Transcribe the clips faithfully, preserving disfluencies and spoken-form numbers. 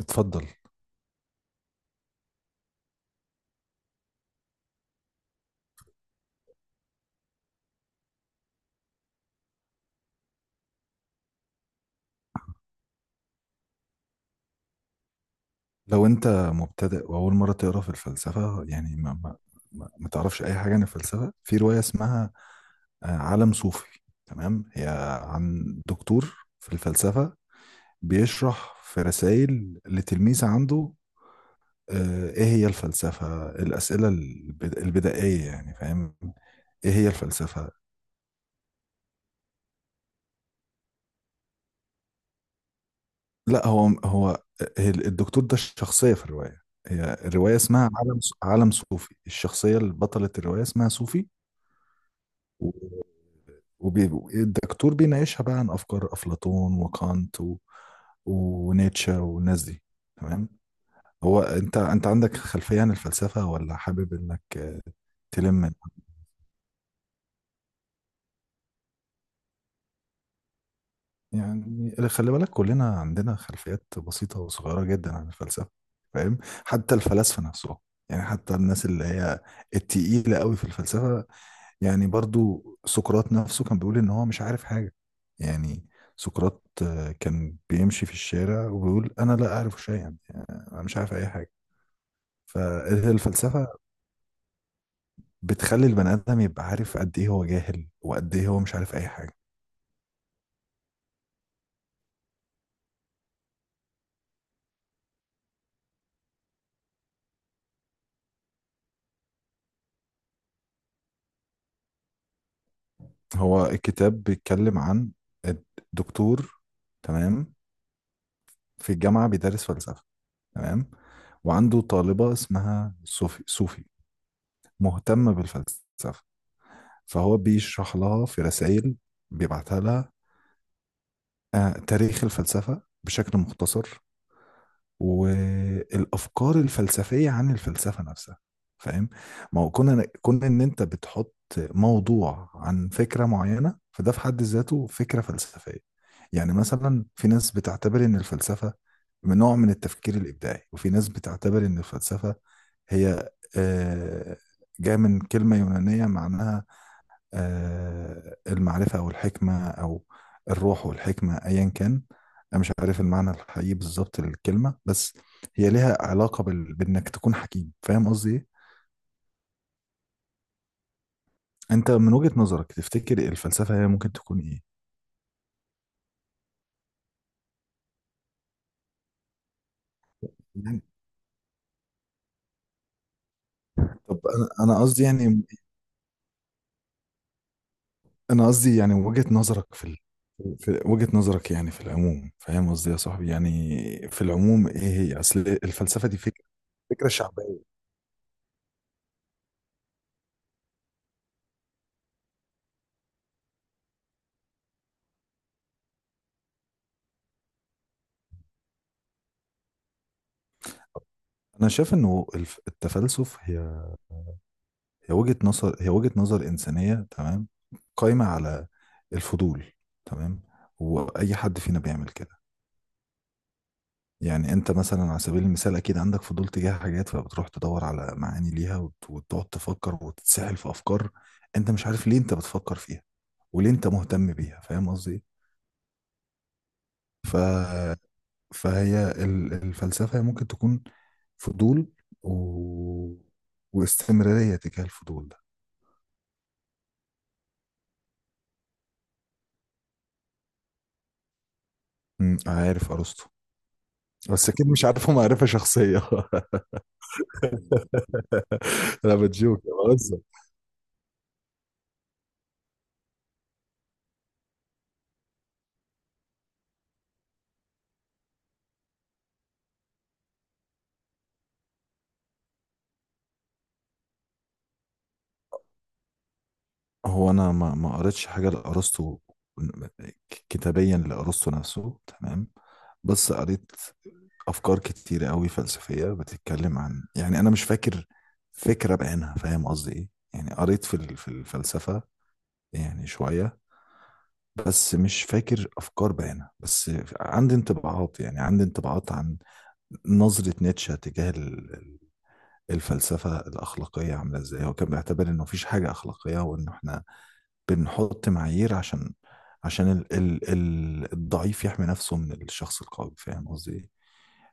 اتفضل. لو انت مبتدئ واول مره تقرا في الفلسفه، يعني ما ما ما ما تعرفش اي حاجه عن الفلسفه، في روايه اسمها آه، عالم صوفي. تمام، هي عن دكتور في الفلسفه بيشرح في رسائل لتلميذ عنده آه، ايه هي الفلسفه، الاسئله البد- البدائيه، يعني فاهم ايه هي الفلسفه. لا، هو هو هي الدكتور ده الشخصيه في الروايه. هي الروايه اسمها عالم عالم صوفي، الشخصيه اللي بطلة الروايه اسمها صوفي. و- وبي- والدكتور بيناقشها بقى عن افكار افلاطون، وكانت و... ونيتشه والناس دي. تمام، هو انت انت عندك خلفيه عن الفلسفه، ولا حابب انك آه، تلم. يعني خلي بالك، كلنا عندنا خلفيات بسيطه وصغيره جدا عن الفلسفه، فاهم؟ حتى الفلاسفه نفسهم، يعني حتى الناس اللي هي التقيله قوي في الفلسفه، يعني برضو سقراط نفسه كان بيقول ان هو مش عارف حاجة. يعني سقراط آه، كان بيمشي في الشارع وبيقول انا لا اعرف شيئا، يعني انا مش عارف اي حاجة. فالفلسفة بتخلي البني ادم يبقى عارف قد ايه هو جاهل وقد ايه هو مش عارف اي حاجة. هو الكتاب بيتكلم عن الدكتور، تمام، في الجامعة بيدرس فلسفة، تمام، وعنده طالبة اسمها صوفي صوفي مهتمة بالفلسفة، فهو بيشرح لها في رسائل بيبعتها لها آه، تاريخ الفلسفة بشكل مختصر، والأفكار الفلسفية عن الفلسفة نفسها، فاهم؟ ما هو كنا كنا إن أنت بتحط موضوع عن فكرة معينة، فده في حد ذاته فكرة فلسفية. يعني مثلا في ناس بتعتبر إن الفلسفة من نوع من التفكير الإبداعي، وفي ناس بتعتبر إن الفلسفة هي، آه، جاية من كلمة يونانية معناها آه، المعرفة أو الحكمة أو الروح والحكمة، أيا كان. أنا مش عارف المعنى الحقيقي بالظبط للكلمة، بس هي لها علاقة بال... بإنك تكون حكيم، فاهم قصدي إيه؟ أنت من وجهة نظرك تفتكر الفلسفة هي ممكن تكون إيه؟ يعني طب أنا أنا قصدي يعني، أنا قصدي يعني وجهة نظرك في ال... في وجهة نظرك، يعني في العموم، فاهم قصدي يا صاحبي؟ يعني في العموم إيه هي أصل الفلسفة دي، فكرة فكرة شعبية. أنا شايف إنه الف- التفلسف، هي هي وجهة نظر هي وجهة نظر إنسانية، تمام، قايمة على الفضول، تمام، وأي حد فينا بيعمل كده. يعني أنت مثلا على سبيل المثال أكيد عندك فضول تجاه حاجات، فبتروح تدور على معاني ليها وت- وتقعد تفكر وتتسحل في أفكار أنت مش عارف ليه أنت بتفكر فيها وليه أنت مهتم بيها، فاهم قصدي إيه؟ ف... فهي ال- الفلسفة ممكن تكون فضول و... واستمرارية تجاه الفضول ده. مم، عارف أرسطو، بس أكيد مش عارفه معرفة شخصية. انا بتجوك يا بهزر. هو انا ما ما قريتش حاجه لارسطو، كتابيا لارسطو نفسه، تمام. بس قريت افكار كتير قوي فلسفيه بتتكلم عن، يعني انا مش فاكر فكره بعينها، فاهم قصدي ايه؟ يعني قريت في ال- في الفلسفه يعني شويه، بس مش فاكر افكار بعينها، بس عندي انطباعات. يعني عندي انطباعات عن نظره نيتشه تجاه الفلسفة الأخلاقية عاملة إزاي. هو كان بيعتبر إنه مفيش حاجة أخلاقية، وإن إحنا بنحط معايير عشان عشان ال ال ال الضعيف يحمي نفسه من الشخص القوي، فاهم قصدي إيه؟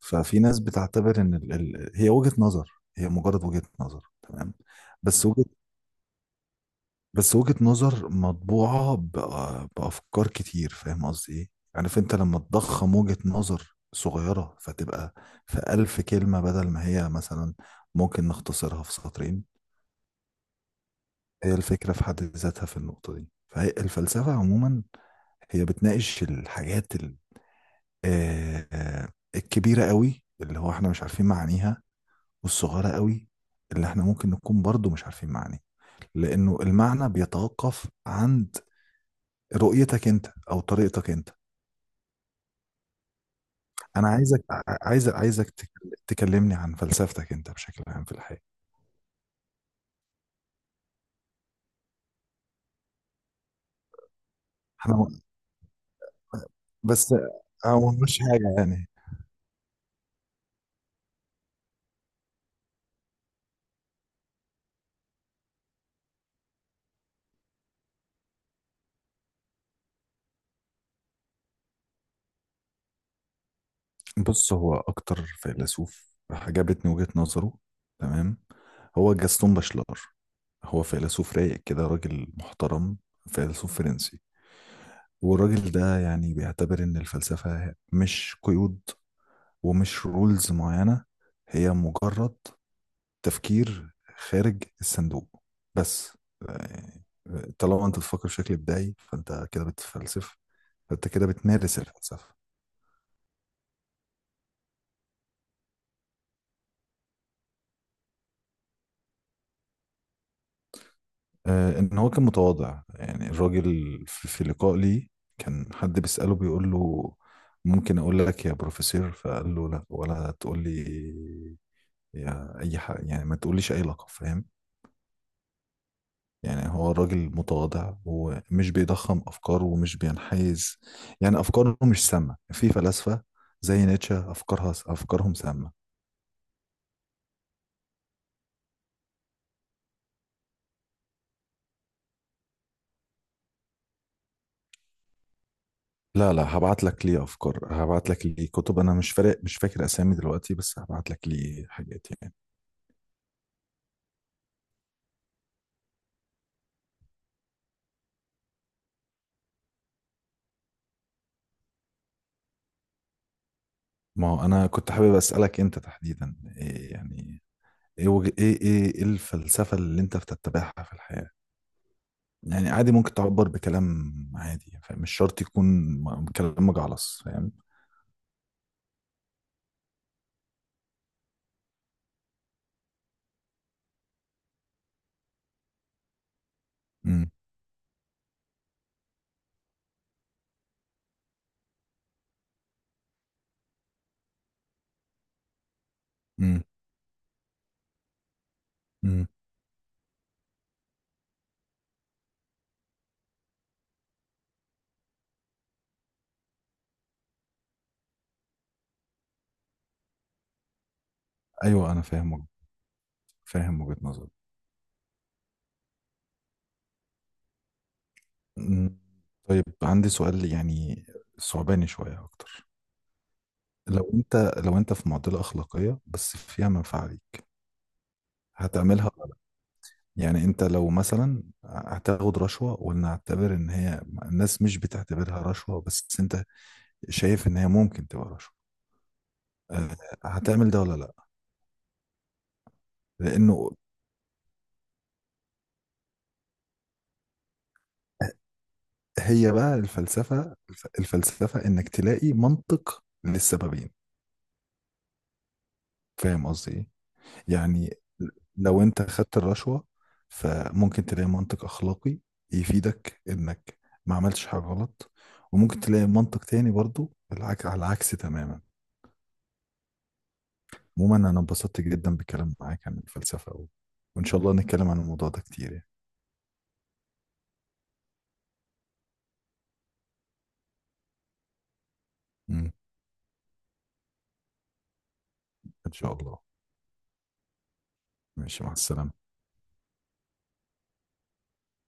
ففي ناس بتعتبر إن ال ال هي وجهة نظر، هي مجرد وجهة نظر، تمام. بس وجهة بس وجهة نظر مطبوعة بأ- بأفكار كتير، فاهم قصدي إيه؟ عارف أنت لما تضخم وجهة نظر صغيرة فتبقى في ألف كلمة بدل ما هي مثلا ممكن نختصرها في سطرين. هي الفكرة في حد ذاتها في النقطة دي، فهي الفلسفة عموما هي بتناقش الحاجات ال- آه، آه، الكبيرة قوي اللي هو احنا مش عارفين معانيها، والصغيرة قوي اللي احنا ممكن نكون برضو مش عارفين معانيها، لأنه المعنى بيتوقف عند رؤيتك انت أو طريقتك انت. أنا عايزك، عايز عايزك تك- تكلمني عن فلسفتك انت بشكل عام في الحياة. احنا م- بس هو مش حاجة يعني. بص، هو أكتر فيلسوف عجبتني وجهة نظره، تمام، هو جاستون باشلار. هو فيلسوف رايق كده، راجل محترم، فيلسوف فرنسي. والراجل ده يعني بيعتبر إن الفلسفة مش قيود ومش رولز معينة، هي مجرد تفكير خارج الصندوق، بس. يعني طالما أنت بتفكر بشكل إبداعي فأنت كده بتفلسف، فأنت كده بتمارس الفلسفة. آه، ان هو كان متواضع يعني الراجل، في في لقاء ليه كان حد بيسأله بيقول له ممكن اقول لك يا بروفيسور، فقال له لا ولا تقول لي يا اي حاجه، يعني ما تقوليش اي لقب، فاهم؟ يعني هو راجل متواضع ومش بيضخم افكاره ومش بينحيز. يعني افكاره مش سامه في فلاسفه زي نيتشه، افكارها افكارهم سامه. لا، لا، هبعت لك ليه افكار، هبعت لك ليه كتب، انا مش فارق، مش فاكر اسامي دلوقتي، بس هبعت لك ليه حاجات يعني. ما هو انا كنت حابب اسالك انت تحديدا إيه يعني، ايه وج... ايه ايه إيه الفلسفه اللي انت بتتبعها في الحياه. يعني عادي، ممكن تعبر بكلام عادي، فاهم؟ مش شرط يكون م- كلام مجعلص، فاهم؟ امم امم امم ايوه انا فاهم وج- فاهم وجهه نظرك. أمم. طيب، عندي سؤال يعني صعباني شويه اكتر. لو انت لو انت في معضله اخلاقيه بس فيها منفعه ليك، هتعملها؟ يعني انت لو مثلا هتاخد رشوة، ولنعتبر ان هي الناس مش بتعتبرها رشوة بس انت شايف ان هي ممكن تبقى رشوة، آه، هتعمل ده ولا لا؟ لانه هي بقى الفلسفة الف- الفلسفة انك تلاقي منطق للسببين، فاهم قصدي ايه؟ يعني لو انت خدت الرشوة، فممكن تلاقي منطق اخلاقي يفيدك انك ما عملتش حاجة غلط، وممكن تلاقي منطق تاني برضو العك على العكس تماما. عموما انا انبسطت جدا بالكلام معاك عن الفلسفة، و... وان شاء الله نتكلم عن الموضوع ده كتير يعني. مم. ان شاء الله. ماشي، مع السلامة.